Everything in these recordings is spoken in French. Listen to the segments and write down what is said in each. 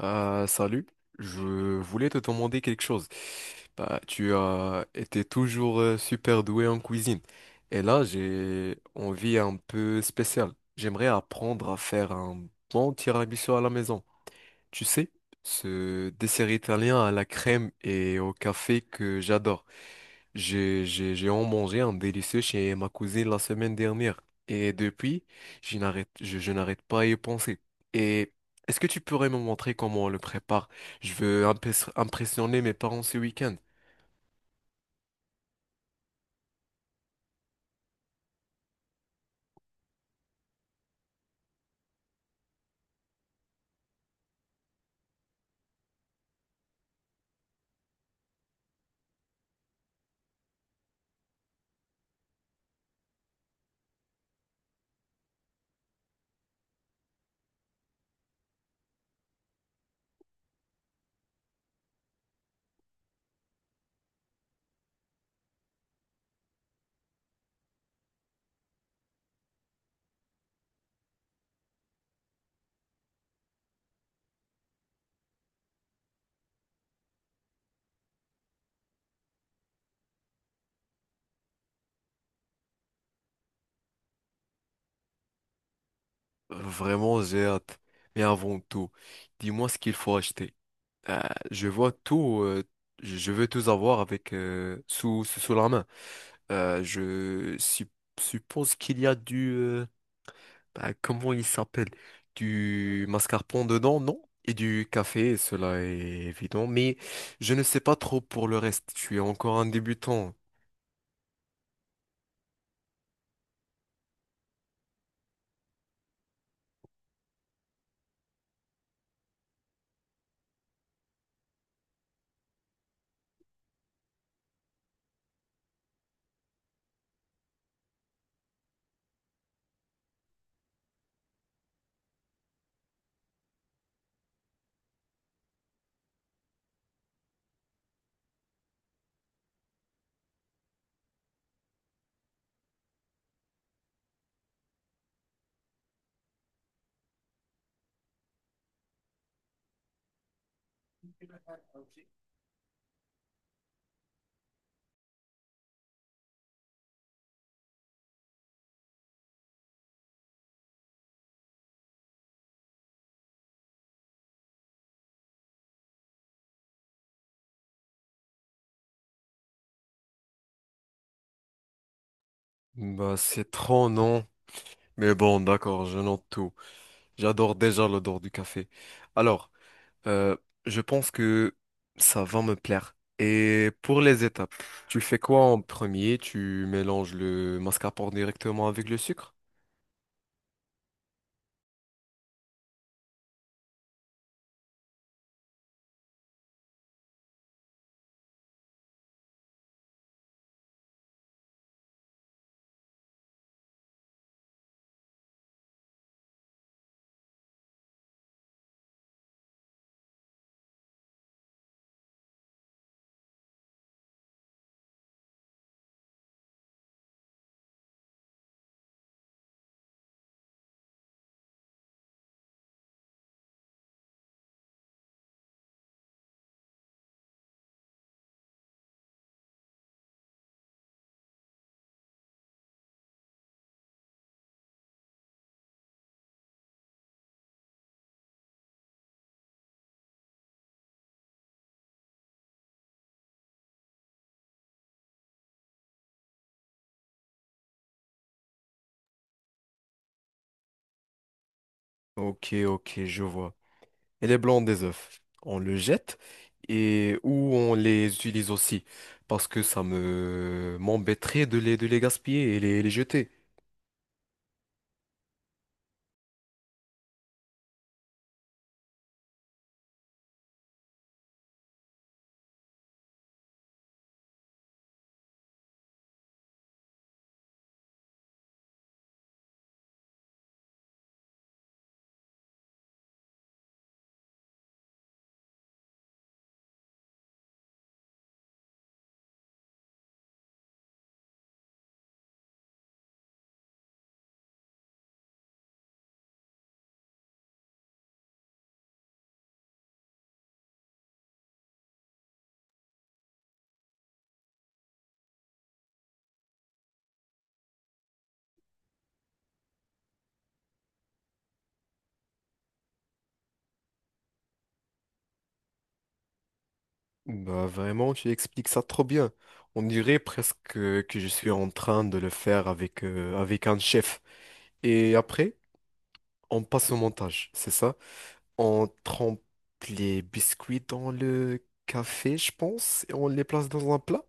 Salut, je voulais te demander quelque chose. Bah, tu as été toujours super doué en cuisine. Et là, j'ai envie un peu spéciale. J'aimerais apprendre à faire un bon tiramisu à la maison. Tu sais, ce dessert italien à la crème et au café que j'adore. J'ai en mangé un délicieux chez ma cousine la semaine dernière. Et depuis, je n'arrête pas à y penser. Et est-ce que tu pourrais me montrer comment on le prépare? Je veux impressionner mes parents ce week-end. Vraiment, j'ai hâte. Mais avant tout, dis-moi ce qu'il faut acheter. Euh, je vois tout, je veux tout avoir avec, sous la main. Euh, je sup- Suppose qu'il y a du, bah, comment il s'appelle? Du mascarpone dedans, non? Et du café, cela est évident. Mais je ne sais pas trop pour le reste. Je suis encore un débutant. Bah, c'est trop, non? Mais bon, d'accord, je note tout. J'adore déjà l'odeur du café. Alors, euh, je pense que ça va me plaire. Et pour les étapes, tu fais quoi en premier? Tu mélanges le mascarpone directement avec le sucre? Ok, ok, je vois. Et les blancs des œufs. On le jette et ou on les utilise aussi parce que ça me m'embêterait de les gaspiller et les jeter. Bah vraiment, tu expliques ça trop bien. On dirait presque que je suis en train de le faire avec un chef. Et après, on passe au montage, c'est ça? On trempe les biscuits dans le café, je pense, et on les place dans un plat.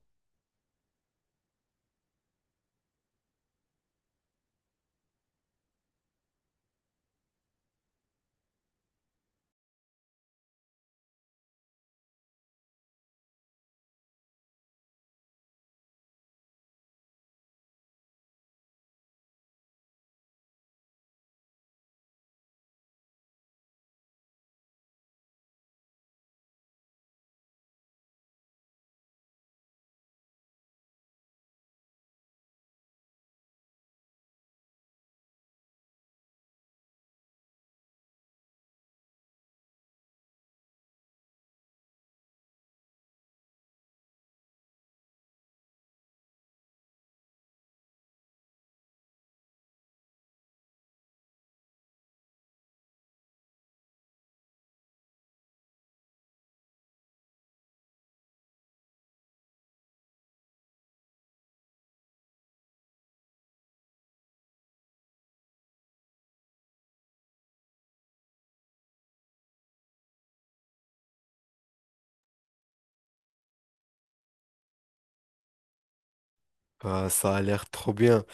Ah, ça a l'air trop bien.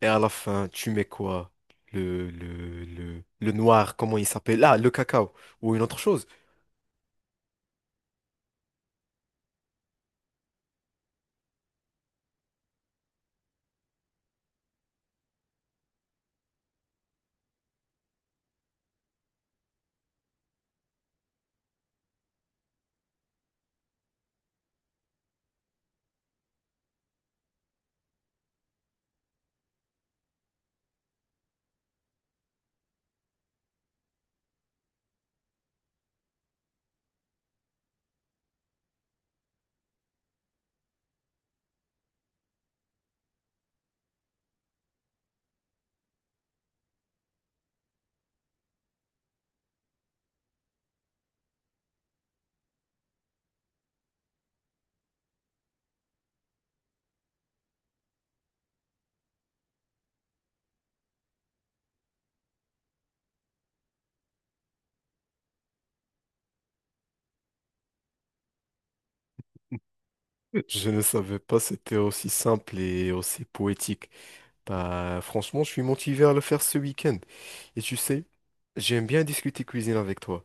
Et à la fin, tu mets quoi? Le noir, comment il s'appelle? Ah, le cacao. Ou une autre chose. Je ne savais pas c'était aussi simple et aussi poétique. Bah, franchement, je suis motivé à le faire ce week-end. Et tu sais, j'aime bien discuter cuisine avec toi.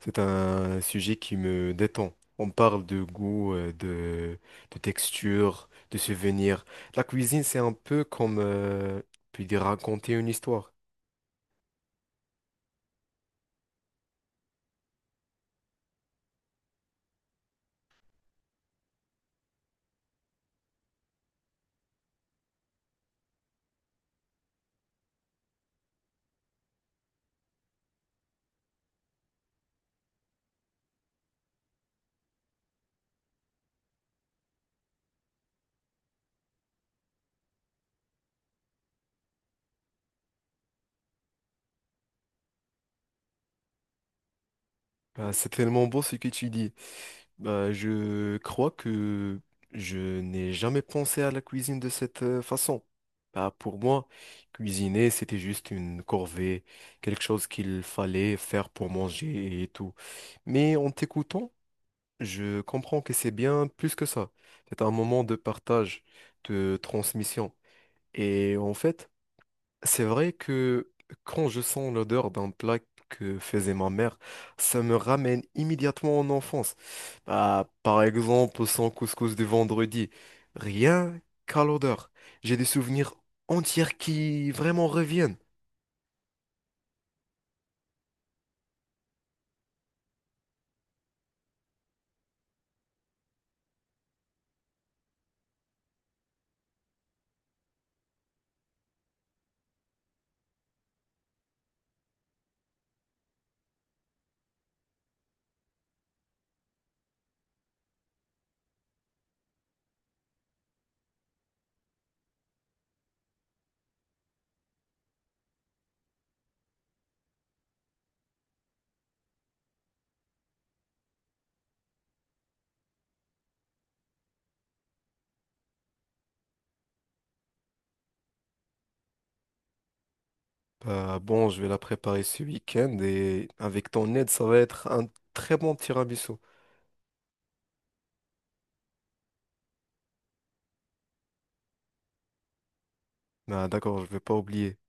C'est un sujet qui me détend. On parle de goût, de texture, de souvenirs. La cuisine, c'est un peu comme, on peut dire, raconter une histoire. Bah, c'est tellement beau ce que tu dis. Bah, je crois que je n'ai jamais pensé à la cuisine de cette façon. Bah, pour moi, cuisiner, c'était juste une corvée, quelque chose qu'il fallait faire pour manger et tout. Mais en t'écoutant, je comprends que c'est bien plus que ça. C'est un moment de partage, de transmission. Et en fait, c'est vrai que quand je sens l'odeur d'un plat que faisait ma mère, ça me ramène immédiatement en enfance. Bah, par exemple, son couscous de vendredi. Rien qu'à l'odeur. J'ai des souvenirs entiers qui vraiment reviennent. Bah, bon, je vais la préparer ce week-end et avec ton aide, ça va être un très bon tiramisu. Bah, d'accord, je vais pas oublier.